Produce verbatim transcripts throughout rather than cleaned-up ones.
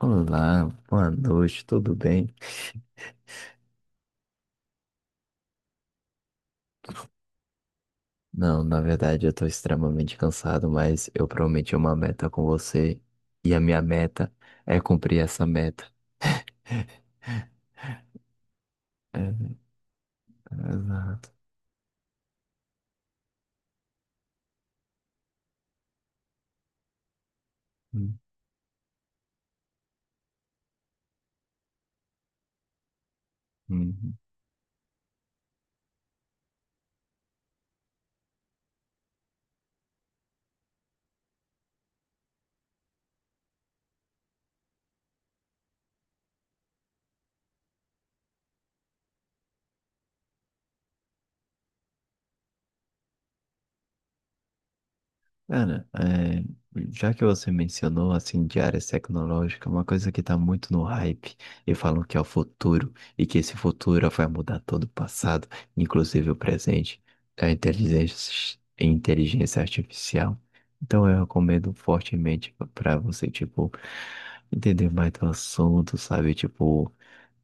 Olá, boa noite, tudo bem? Não, na verdade eu tô extremamente cansado, mas eu prometi uma meta com você e a minha meta é cumprir essa meta. É, exato. Hum, hum. hum. Cara, é, já que você mencionou assim de áreas tecnológicas, uma coisa que tá muito no hype e falam que é o futuro e que esse futuro vai mudar todo o passado, inclusive o presente, é a inteligência, inteligência artificial. Então eu recomendo fortemente para você, tipo, entender mais do assunto, sabe? Tipo,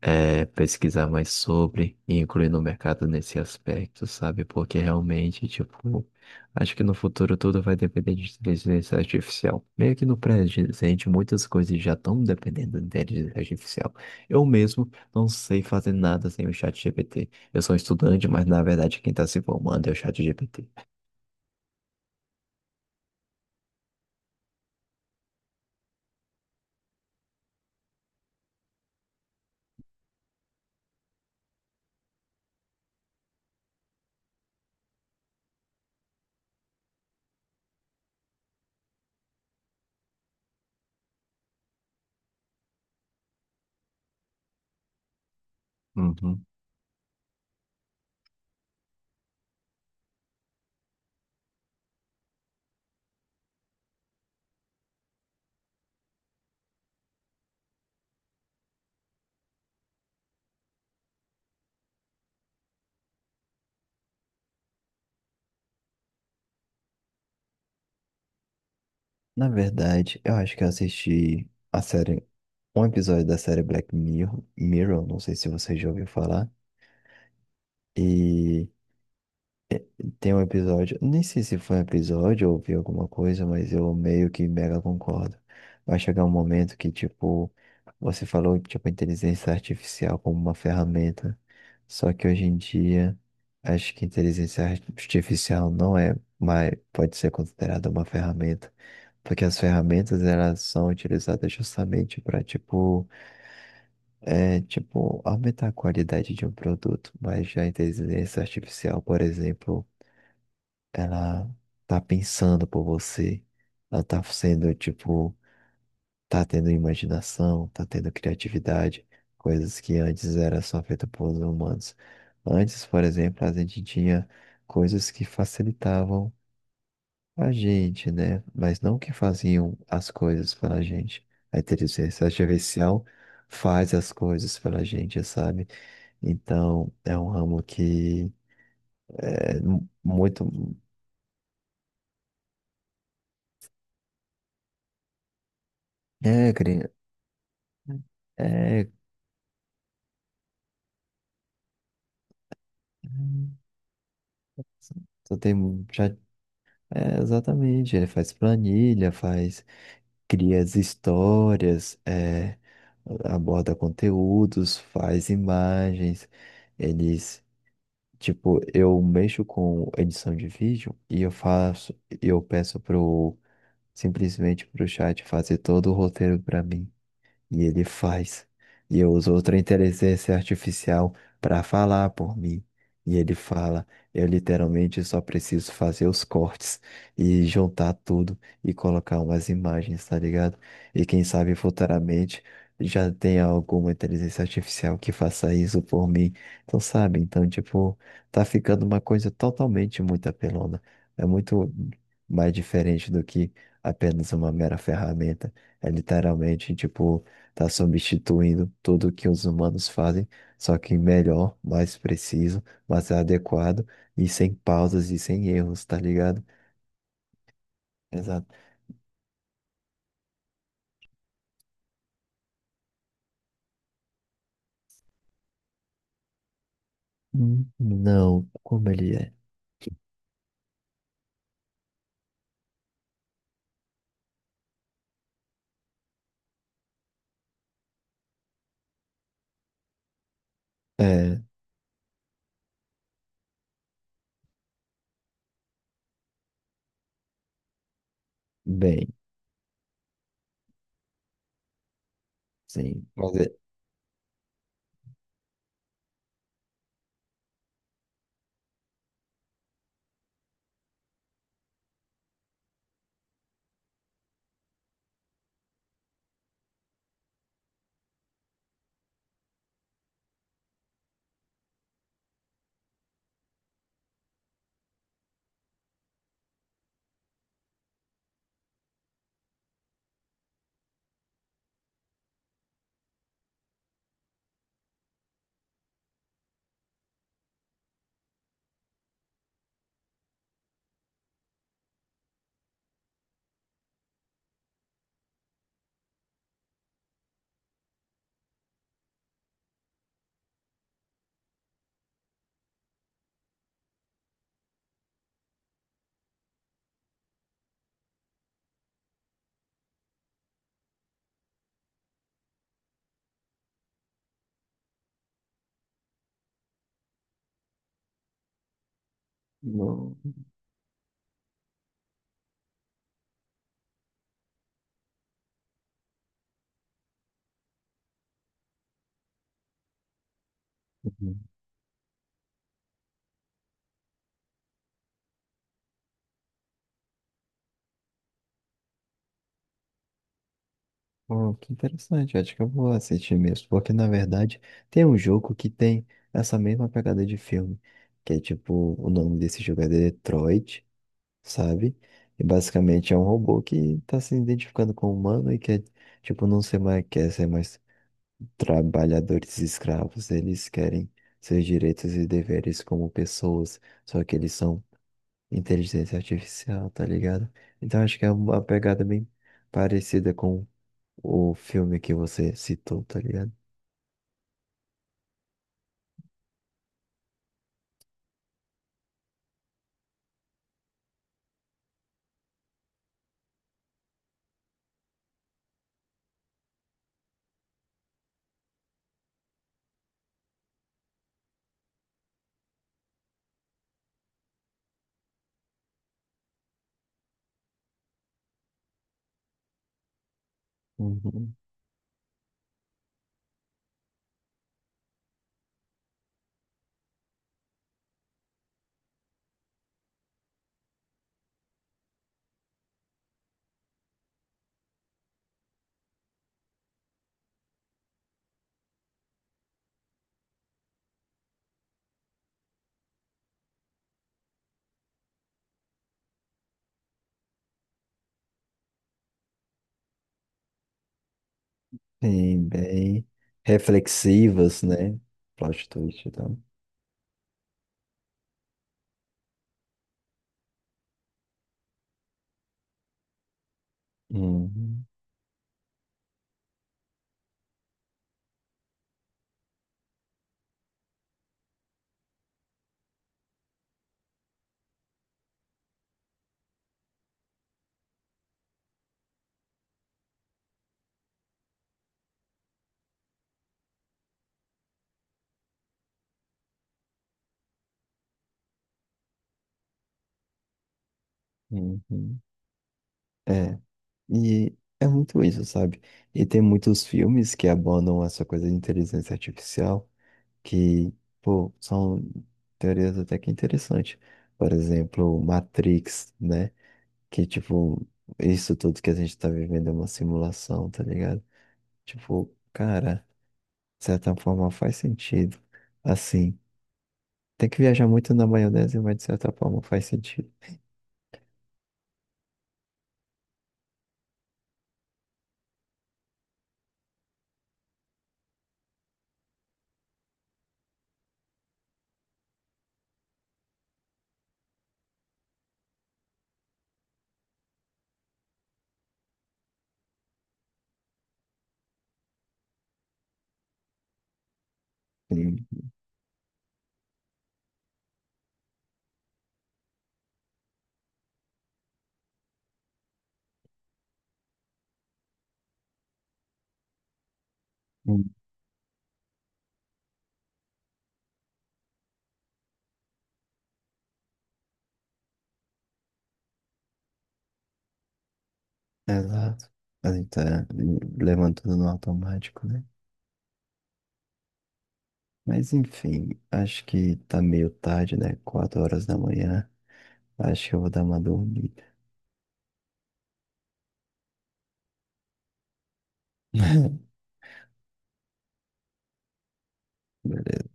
é, pesquisar mais sobre e incluir no mercado nesse aspecto, sabe? Porque realmente, tipo, acho que no futuro tudo vai depender de inteligência artificial. Meio que no presente, muitas coisas já estão dependendo de inteligência artificial. Eu mesmo não sei fazer nada sem o chat G P T. Eu sou estudante, mas na verdade quem está se formando é o chat G P T. Uhum. Na verdade, eu acho que eu assisti a série, um episódio da série Black Mirror, Mirror, não sei se você já ouviu falar. E tem um episódio, nem sei se foi um episódio ou vi alguma coisa, mas eu meio que mega concordo. Vai chegar um momento que, tipo, você falou, tipo, inteligência artificial como uma ferramenta. Só que hoje em dia, acho que inteligência artificial não é, mas pode ser considerada uma ferramenta. Porque as ferramentas, elas são utilizadas justamente para, tipo, é, tipo, aumentar a qualidade de um produto. Mas já a inteligência artificial, por exemplo, ela tá pensando por você, ela tá sendo, tipo, tá tendo imaginação, tá tendo criatividade, coisas que antes era só feita por humanos. Antes, por exemplo, a gente tinha coisas que facilitavam a gente, né? Mas não que faziam as coisas pela gente. A inteligência artificial faz as coisas pela gente, sabe? Então, é um ramo que é mu- muito. É, cri- É, Então tem mu- já é, exatamente, ele faz planilha, faz, cria as histórias, é, aborda conteúdos, faz imagens, eles, tipo, eu mexo com edição de vídeo e eu faço, eu peço pro simplesmente pro chat fazer todo o roteiro para mim. E ele faz. E eu uso outra inteligência artificial para falar por mim. E ele fala. Eu literalmente só preciso fazer os cortes e juntar tudo e colocar umas imagens, tá ligado? E quem sabe futuramente já tenha alguma inteligência artificial que faça isso por mim. Então, sabe? Então, tipo, tá ficando uma coisa totalmente muito apelona. É muito mais diferente do que apenas uma mera ferramenta. É literalmente, tipo, tá substituindo tudo o que os humanos fazem, só que melhor, mais preciso, mais adequado e sem pausas e sem erros, tá ligado? Exato. Hum, Não, como ele é? É, bem, sim. Mas é- não. Uhum. Oh, que interessante, acho que eu vou assistir mesmo, porque na verdade tem um jogo que tem essa mesma pegada de filme, que é tipo, o nome desse jogo é Detroit. Sabe? E basicamente é um robô que tá se identificando com o humano e quer, tipo, não ser mais, quer ser mais trabalhadores escravos. Eles querem seus direitos e deveres como pessoas, só que eles são inteligência artificial, tá ligado? Então acho que é uma pegada bem parecida com o filme que você citou, tá ligado? Uhum. Bem, bem reflexivas, né? Plot twist e tal. Uhum, uhum. É. E é muito isso, sabe? E tem muitos filmes que abordam essa coisa de inteligência artificial que, pô, são teorias até que interessantes. Por exemplo, Matrix, né? Que, tipo, isso tudo que a gente tá vivendo é uma simulação, tá ligado? Tipo, cara, de certa forma faz sentido. Assim. Tem que viajar muito na maionese, mas de certa forma faz sentido. Sim. Hum, Exato. A gente tá hum, levantando no automático, né? Mas enfim, acho que tá meio tarde, né? Quatro horas da manhã. Acho que eu vou dar uma dormida. Beleza.